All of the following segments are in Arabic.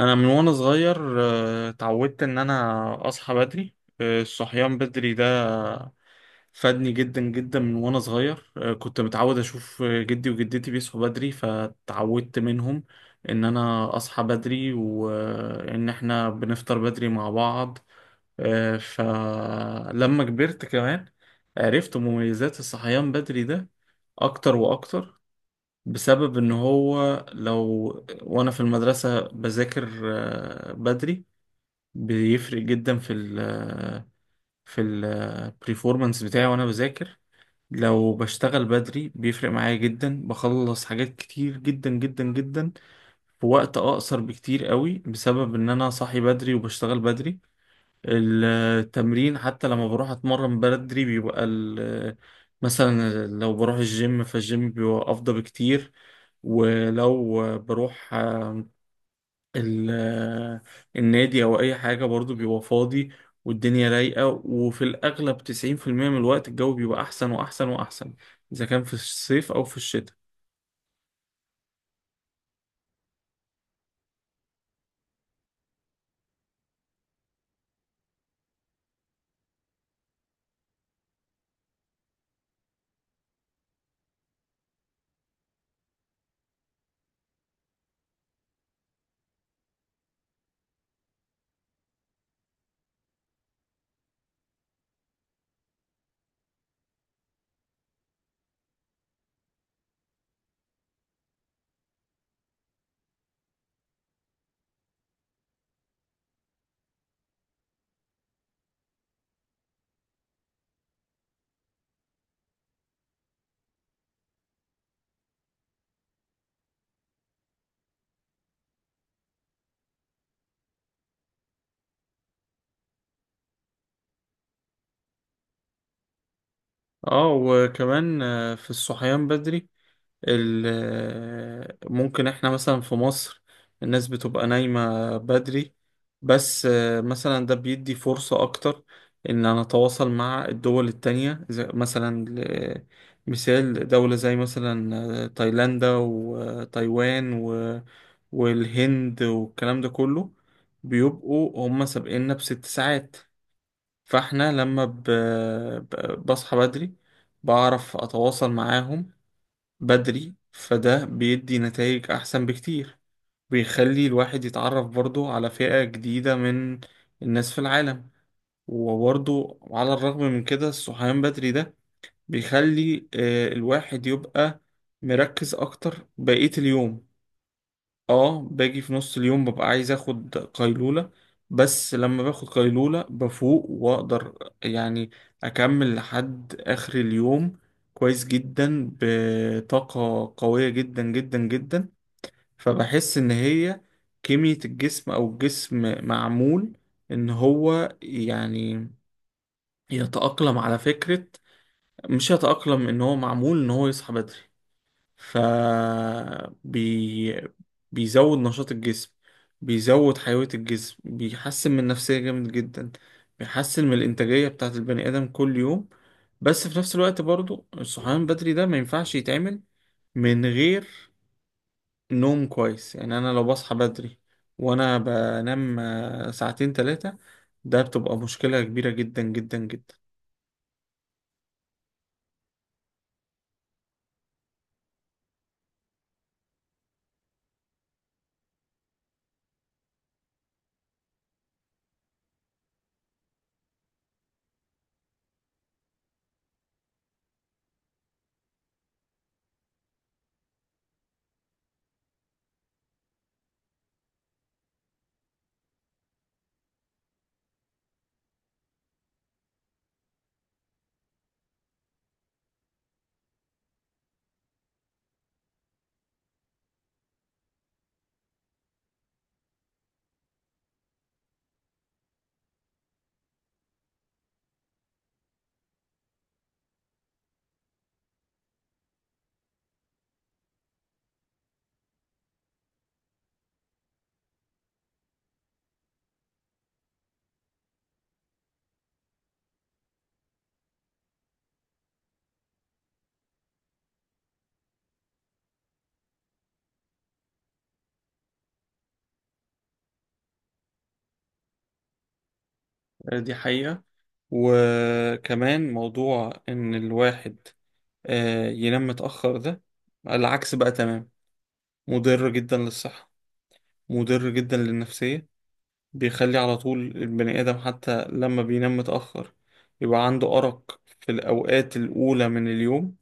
انا من وانا صغير اتعودت ان انا اصحى بدري. الصحيان بدري ده فادني جدا جدا من وانا صغير. كنت متعود اشوف جدي وجدتي بيصحوا بدري فتعودت منهم ان انا اصحى بدري وان احنا بنفطر بدري مع بعض. فلما كبرت كمان عرفت مميزات الصحيان بدري ده اكتر واكتر، بسبب ان هو لو وانا في المدرسة بذاكر بدري بيفرق جدا في ال آه، في البرفورمانس بتاعي وانا بذاكر. لو بشتغل بدري بيفرق معايا جدا، بخلص حاجات كتير جدا جدا جدا في وقت اقصر بكتير قوي، بسبب ان انا صاحي بدري وبشتغل بدري. التمرين حتى لما بروح اتمرن بدري بيبقى مثلا لو بروح الجيم فالجيم بيبقى افضل بكتير. ولو بروح ال- النادي او اي حاجة برضو بيبقى فاضي والدنيا رايقة، وفي الاغلب 90% من الوقت الجو بيبقى احسن واحسن واحسن، اذا كان في الصيف او في الشتاء. اه وكمان في الصحيان بدري ممكن احنا مثلا في مصر الناس بتبقى نايمة بدري، بس مثلا ده بيدي فرصة أكتر إن أنا أتواصل مع الدول التانية، زي مثلا مثال دولة زي مثلا تايلاندا وتايوان والهند والكلام ده كله. بيبقوا هما سابقيننا ب6 ساعات، فاحنا لما بصحى بدري بعرف أتواصل معاهم بدري، فده بيدي نتائج أحسن بكتير. بيخلي الواحد يتعرف برضو على فئة جديدة من الناس في العالم. وبرضو على الرغم من كده الصحيان بدري ده بيخلي الواحد يبقى مركز أكتر بقية اليوم. اه باجي في نص اليوم ببقى عايز اخد قيلولة، بس لما باخد قيلولة بفوق واقدر يعني اكمل لحد اخر اليوم كويس جدا، بطاقة قوية جدا جدا جدا. فبحس ان هي كمية الجسم او الجسم معمول ان هو يعني يتأقلم، على فكرة مش يتأقلم، ان هو معمول ان هو يصحى بدري. ف بي... بيزود نشاط الجسم، بيزود حيوية الجسم، بيحسن من النفسية جامد جدا، بيحسن من الإنتاجية بتاعة البني آدم كل يوم. بس في نفس الوقت برضو الصحيان بدري ده ما ينفعش يتعمل من غير نوم كويس. يعني أنا لو بصحى بدري وأنا بنام ساعتين تلاتة، ده بتبقى مشكلة كبيرة جدا جدا جدا. دي حقيقة. وكمان موضوع إن الواحد ينام متأخر ده العكس بقى تمام، مضر جدا للصحة، مضر جدا للنفسية. بيخلي على طول البني آدم حتى لما بينام متأخر يبقى عنده أرق في الأوقات الأولى من اليوم،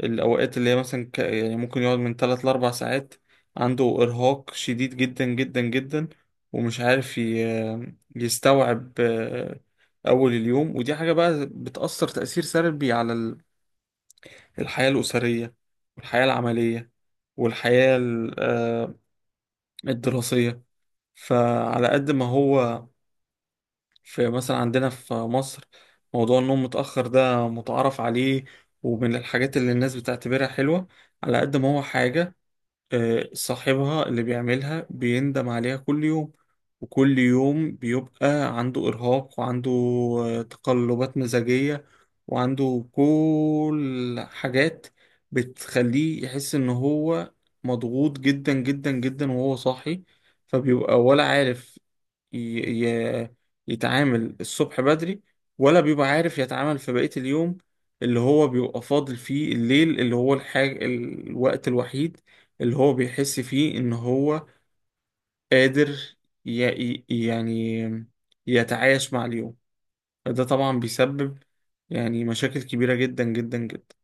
الأوقات اللي هي مثلا يعني ممكن يقعد من 3 ل 4 ساعات عنده إرهاق شديد جدا جدا جدا ومش عارف يستوعب أول اليوم. ودي حاجة بقى بتأثر تأثير سلبي على الحياة الأسرية والحياة العملية والحياة الدراسية. فعلى قد ما هو في مثلا عندنا في مصر موضوع النوم متأخر ده متعارف عليه ومن الحاجات اللي الناس بتعتبرها حلوة، على قد ما هو حاجة صاحبها اللي بيعملها بيندم عليها كل يوم. وكل يوم بيبقى عنده إرهاق وعنده تقلبات مزاجية وعنده كل حاجات بتخليه يحس إن هو مضغوط جدا جدا جدا وهو صاحي. فبيبقى ولا عارف ي... ي... يتعامل الصبح بدري، ولا بيبقى عارف يتعامل في بقية اليوم اللي هو بيبقى فاضل فيه الليل، اللي هو الوقت الوحيد اللي هو بيحس فيه إن هو قادر يعني يتعايش مع اليوم. فده طبعا بيسبب يعني مشاكل كبيرة جدا جدا جدا.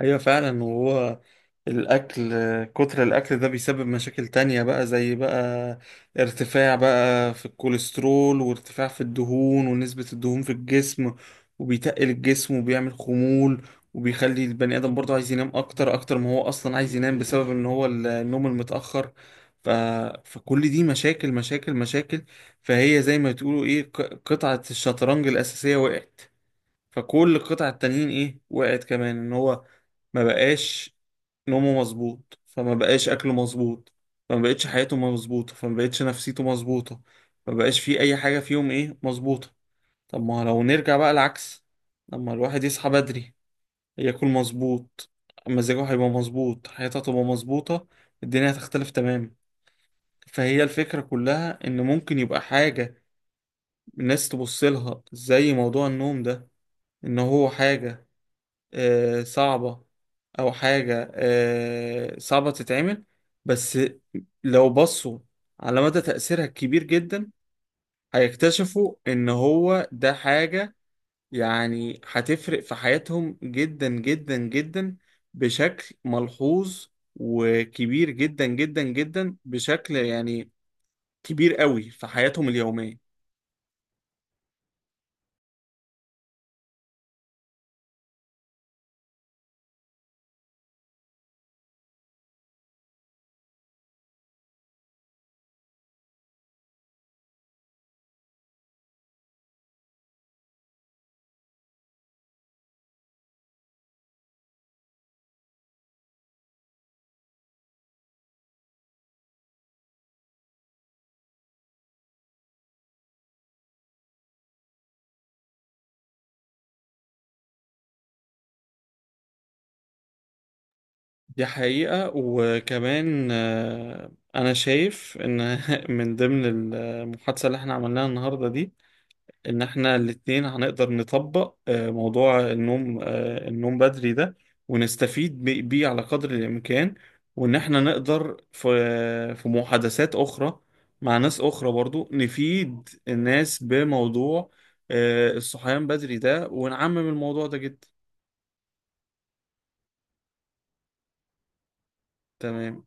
ايوه فعلا. وهو الاكل، كتر الاكل ده بيسبب مشاكل تانية بقى، زي بقى ارتفاع بقى في الكوليسترول وارتفاع في الدهون ونسبة الدهون في الجسم، وبيتقل الجسم وبيعمل خمول، وبيخلي البني ادم برضه عايز ينام اكتر اكتر ما هو اصلا عايز ينام بسبب ان هو النوم المتأخر. ف... فكل دي مشاكل مشاكل مشاكل. فهي زي ما تقولوا ايه، قطعة الشطرنج الأساسية وقعت، فكل القطع التانيين ايه وقعت كمان. ان هو ما بقاش نومه مظبوط، فما بقاش اكله مظبوط، فما بقتش حياته مظبوطه، فما بقتش نفسيته مظبوطه، ما بقاش فيه اي حاجه فيهم ايه مظبوطه. طب ما لو نرجع بقى العكس، لما الواحد يصحى بدري، ياكل مظبوط، مزاجه هيبقى مظبوط، حياته هتبقى مظبوطه، الدنيا هتختلف تماما. فهي الفكره كلها ان ممكن يبقى حاجه الناس تبص لها زي موضوع النوم ده، ان هو حاجه صعبة، أو حاجة صعبة تتعمل. بس لو بصوا على مدى تأثيرها الكبير جدا هيكتشفوا إن هو ده حاجة يعني هتفرق في حياتهم جدا جدا جدا، بشكل ملحوظ وكبير جدا جدا جدا، بشكل يعني كبير قوي في حياتهم اليومية. دي حقيقة. وكمان أنا شايف إن من ضمن المحادثة اللي إحنا عملناها النهاردة دي، إن إحنا الاتنين هنقدر نطبق موضوع النوم، النوم بدري ده، ونستفيد بيه على قدر الإمكان. وإن إحنا نقدر في في محادثات أخرى مع ناس أخرى برضو نفيد الناس بموضوع الصحيان بدري ده، ونعمم الموضوع ده جدا. تمام.